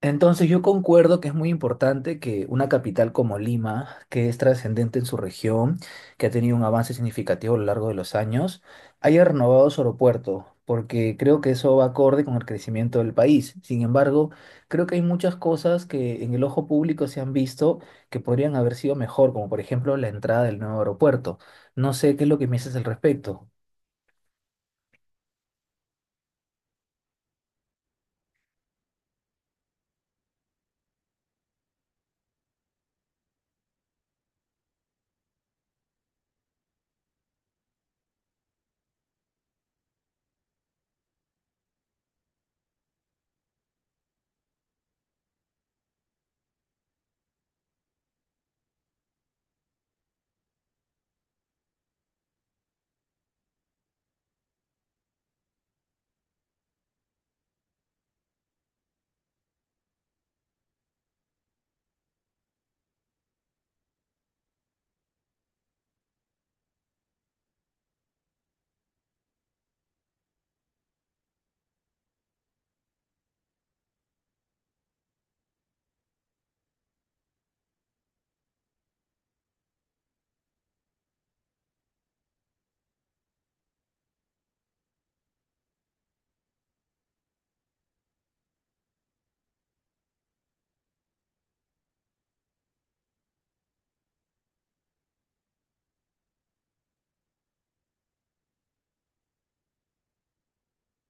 Entonces yo concuerdo que es muy importante que una capital como Lima, que es trascendente en su región, que ha tenido un avance significativo a lo largo de los años, haya renovado su aeropuerto, porque creo que eso va acorde con el crecimiento del país. Sin embargo, creo que hay muchas cosas que en el ojo público se han visto que podrían haber sido mejor, como por ejemplo la entrada del nuevo aeropuerto. No sé qué es lo que me dices al respecto.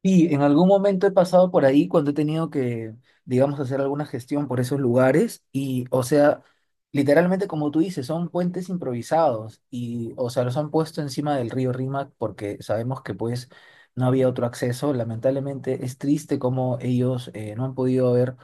Y en algún momento he pasado por ahí cuando he tenido que, digamos, hacer alguna gestión por esos lugares y, o sea, literalmente como tú dices, son puentes improvisados y, o sea, los han puesto encima del río Rímac porque sabemos que pues no había otro acceso. Lamentablemente es triste como ellos no han podido ver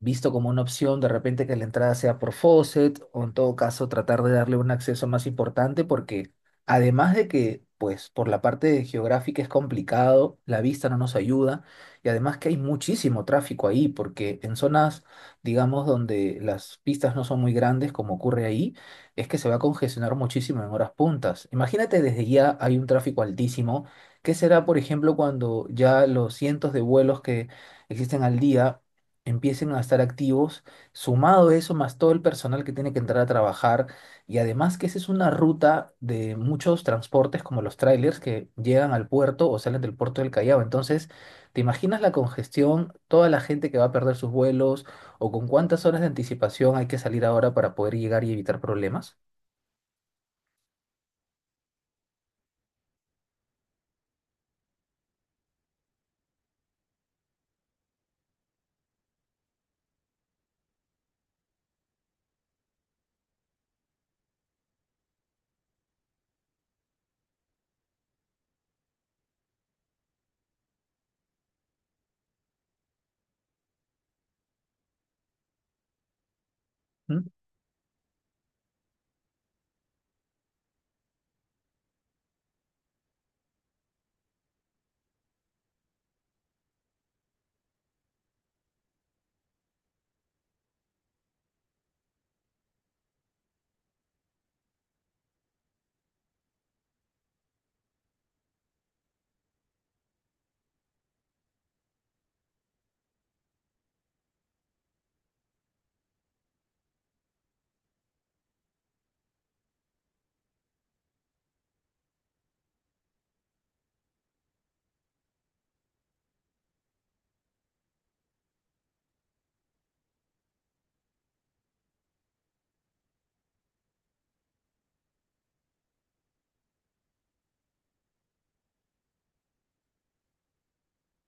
visto como una opción de repente que la entrada sea por faucet o en todo caso tratar de darle un acceso más importante porque además de que pues por la parte geográfica es complicado, la vista no nos ayuda y además que hay muchísimo tráfico ahí porque en zonas digamos donde las pistas no son muy grandes como ocurre ahí es que se va a congestionar muchísimo en horas puntas. Imagínate, desde ya hay un tráfico altísimo. ¿Qué será, por ejemplo, cuando ya los cientos de vuelos que existen al día empiecen a estar activos, sumado a eso, más todo el personal que tiene que entrar a trabajar, y además que esa es una ruta de muchos transportes como los trailers que llegan al puerto o salen del puerto del Callao? Entonces, ¿te imaginas la congestión, toda la gente que va a perder sus vuelos o con cuántas horas de anticipación hay que salir ahora para poder llegar y evitar problemas? ¿Mm?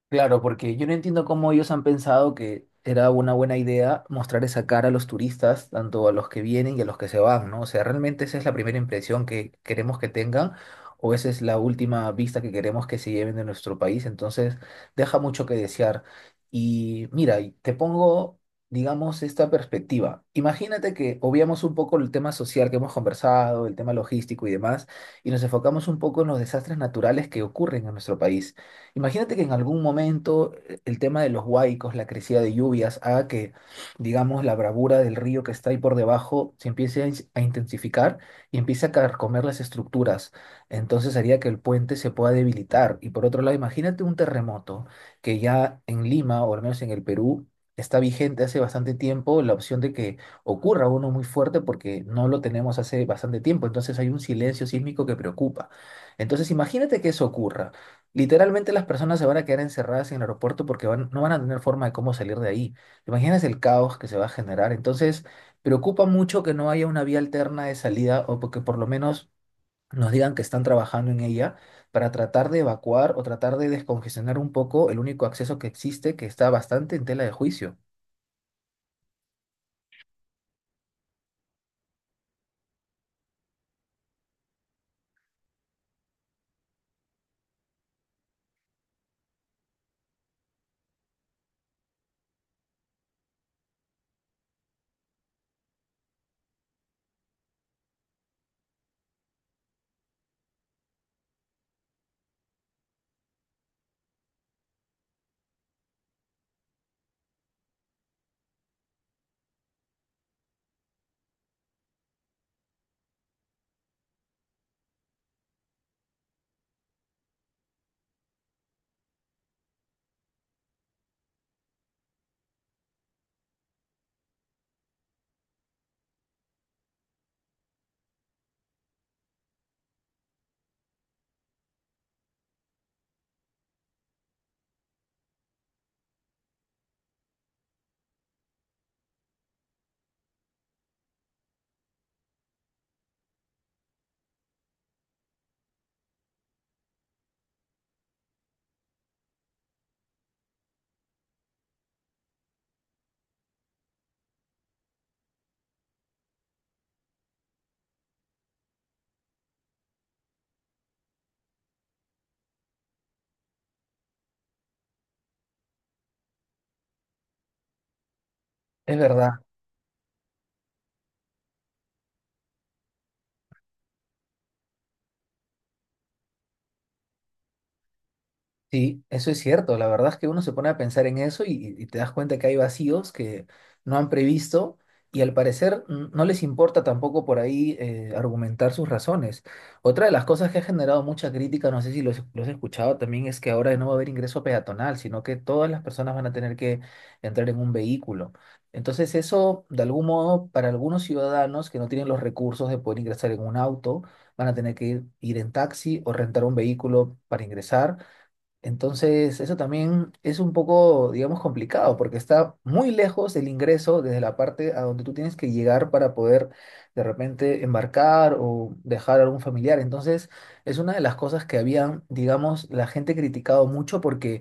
Claro, porque yo no entiendo cómo ellos han pensado que era una buena idea mostrar esa cara a los turistas, tanto a los que vienen y a los que se van, ¿no? O sea, ¿realmente esa es la primera impresión que queremos que tengan o esa es la última vista que queremos que se lleven de nuestro país? Entonces, deja mucho que desear. Y mira, y te pongo, digamos, esta perspectiva. Imagínate que obviamos un poco el tema social que hemos conversado, el tema logístico y demás, y nos enfocamos un poco en los desastres naturales que ocurren en nuestro país. Imagínate que en algún momento el tema de los huaicos, la crecida de lluvias, haga que, digamos, la bravura del río que está ahí por debajo se empiece a, a intensificar y empiece a carcomer las estructuras. Entonces haría que el puente se pueda debilitar. Y por otro lado, imagínate un terremoto, que ya en Lima, o al menos en el Perú, está vigente hace bastante tiempo la opción de que ocurra uno muy fuerte porque no lo tenemos hace bastante tiempo. Entonces hay un silencio sísmico que preocupa. Entonces imagínate que eso ocurra. Literalmente las personas se van a quedar encerradas en el aeropuerto porque no van a tener forma de cómo salir de ahí. Imaginas el caos que se va a generar. Entonces, preocupa mucho que no haya una vía alterna de salida o porque por lo menos nos digan que están trabajando en ella para tratar de evacuar o tratar de descongestionar un poco el único acceso que existe, que está bastante en tela de juicio. Es verdad. Sí, eso es cierto. La verdad es que uno se pone a pensar en eso y te das cuenta que hay vacíos que no han previsto y al parecer no les importa tampoco por ahí argumentar sus razones. Otra de las cosas que ha generado mucha crítica, no sé si lo has escuchado también, es que ahora no va a haber ingreso peatonal, sino que todas las personas van a tener que entrar en un vehículo. Entonces eso, de algún modo, para algunos ciudadanos que no tienen los recursos de poder ingresar en un auto, van a tener que ir en taxi o rentar un vehículo para ingresar. Entonces, eso también es un poco, digamos, complicado porque está muy lejos el ingreso desde la parte a donde tú tienes que llegar para poder de repente embarcar o dejar a algún familiar. Entonces, es una de las cosas que habían, digamos, la gente criticado mucho porque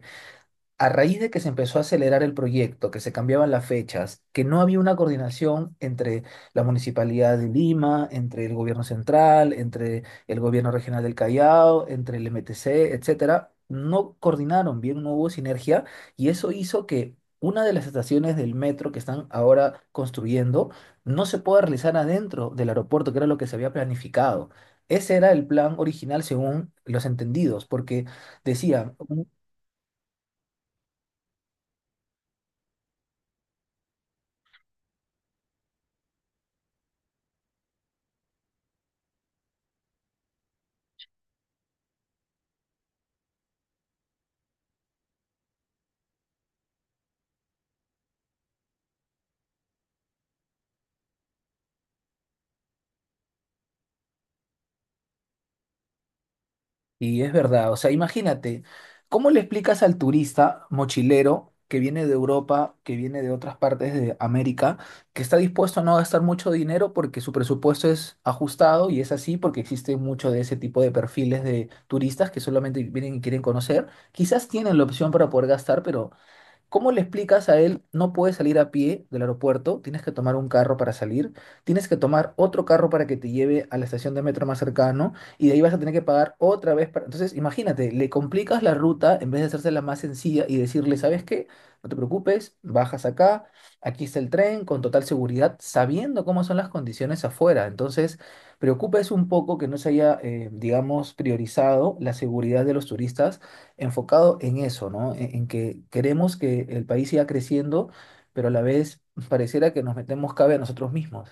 a raíz de que se empezó a acelerar el proyecto, que se cambiaban las fechas, que no había una coordinación entre la Municipalidad de Lima, entre el gobierno central, entre el gobierno regional del Callao, entre el MTC, etcétera, no coordinaron bien, no hubo sinergia y eso hizo que una de las estaciones del metro que están ahora construyendo no se pueda realizar adentro del aeropuerto, que era lo que se había planificado. Ese era el plan original según los entendidos, porque decía. Y es verdad, o sea, imagínate, ¿cómo le explicas al turista mochilero que viene de Europa, que viene de otras partes de América, que está dispuesto a no gastar mucho dinero porque su presupuesto es ajustado y es así porque existe mucho de ese tipo de perfiles de turistas que solamente vienen y quieren conocer? Quizás tienen la opción para poder gastar, pero ¿cómo le explicas a él? No puedes salir a pie del aeropuerto, tienes que tomar un carro para salir, tienes que tomar otro carro para que te lleve a la estación de metro más cercano y de ahí vas a tener que pagar otra vez para... Entonces, imagínate, le complicas la ruta en vez de hacérsela más sencilla y decirle, ¿sabes qué? No te preocupes, bajas acá, aquí está el tren con total seguridad, sabiendo cómo son las condiciones afuera. Entonces, preocupa es un poco que no se haya, digamos, priorizado la seguridad de los turistas enfocado en eso, ¿no? En que queremos que el país siga creciendo, pero a la vez pareciera que nos metemos cabe a nosotros mismos.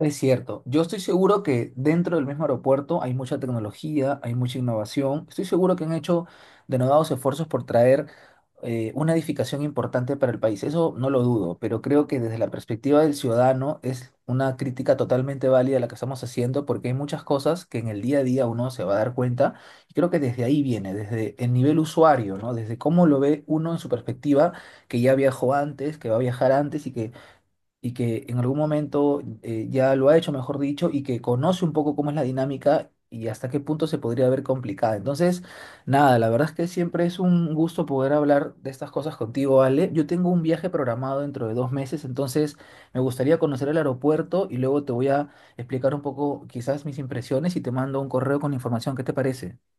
Es cierto, yo estoy seguro que dentro del mismo aeropuerto hay mucha tecnología, hay mucha innovación. Estoy seguro que han hecho denodados esfuerzos por traer una edificación importante para el país. Eso no lo dudo, pero creo que desde la perspectiva del ciudadano es una crítica totalmente válida la que estamos haciendo porque hay muchas cosas que en el día a día uno se va a dar cuenta y creo que desde ahí viene, desde el nivel usuario, ¿no? Desde cómo lo ve uno en su perspectiva, que ya viajó antes, que va a viajar antes y que en algún momento ya lo ha hecho, mejor dicho, y que conoce un poco cómo es la dinámica y hasta qué punto se podría ver complicada. Entonces, nada, la verdad es que siempre es un gusto poder hablar de estas cosas contigo, Ale. Yo tengo un viaje programado dentro de 2 meses, entonces me gustaría conocer el aeropuerto y luego te voy a explicar un poco quizás mis impresiones y te mando un correo con información. ¿Qué te parece?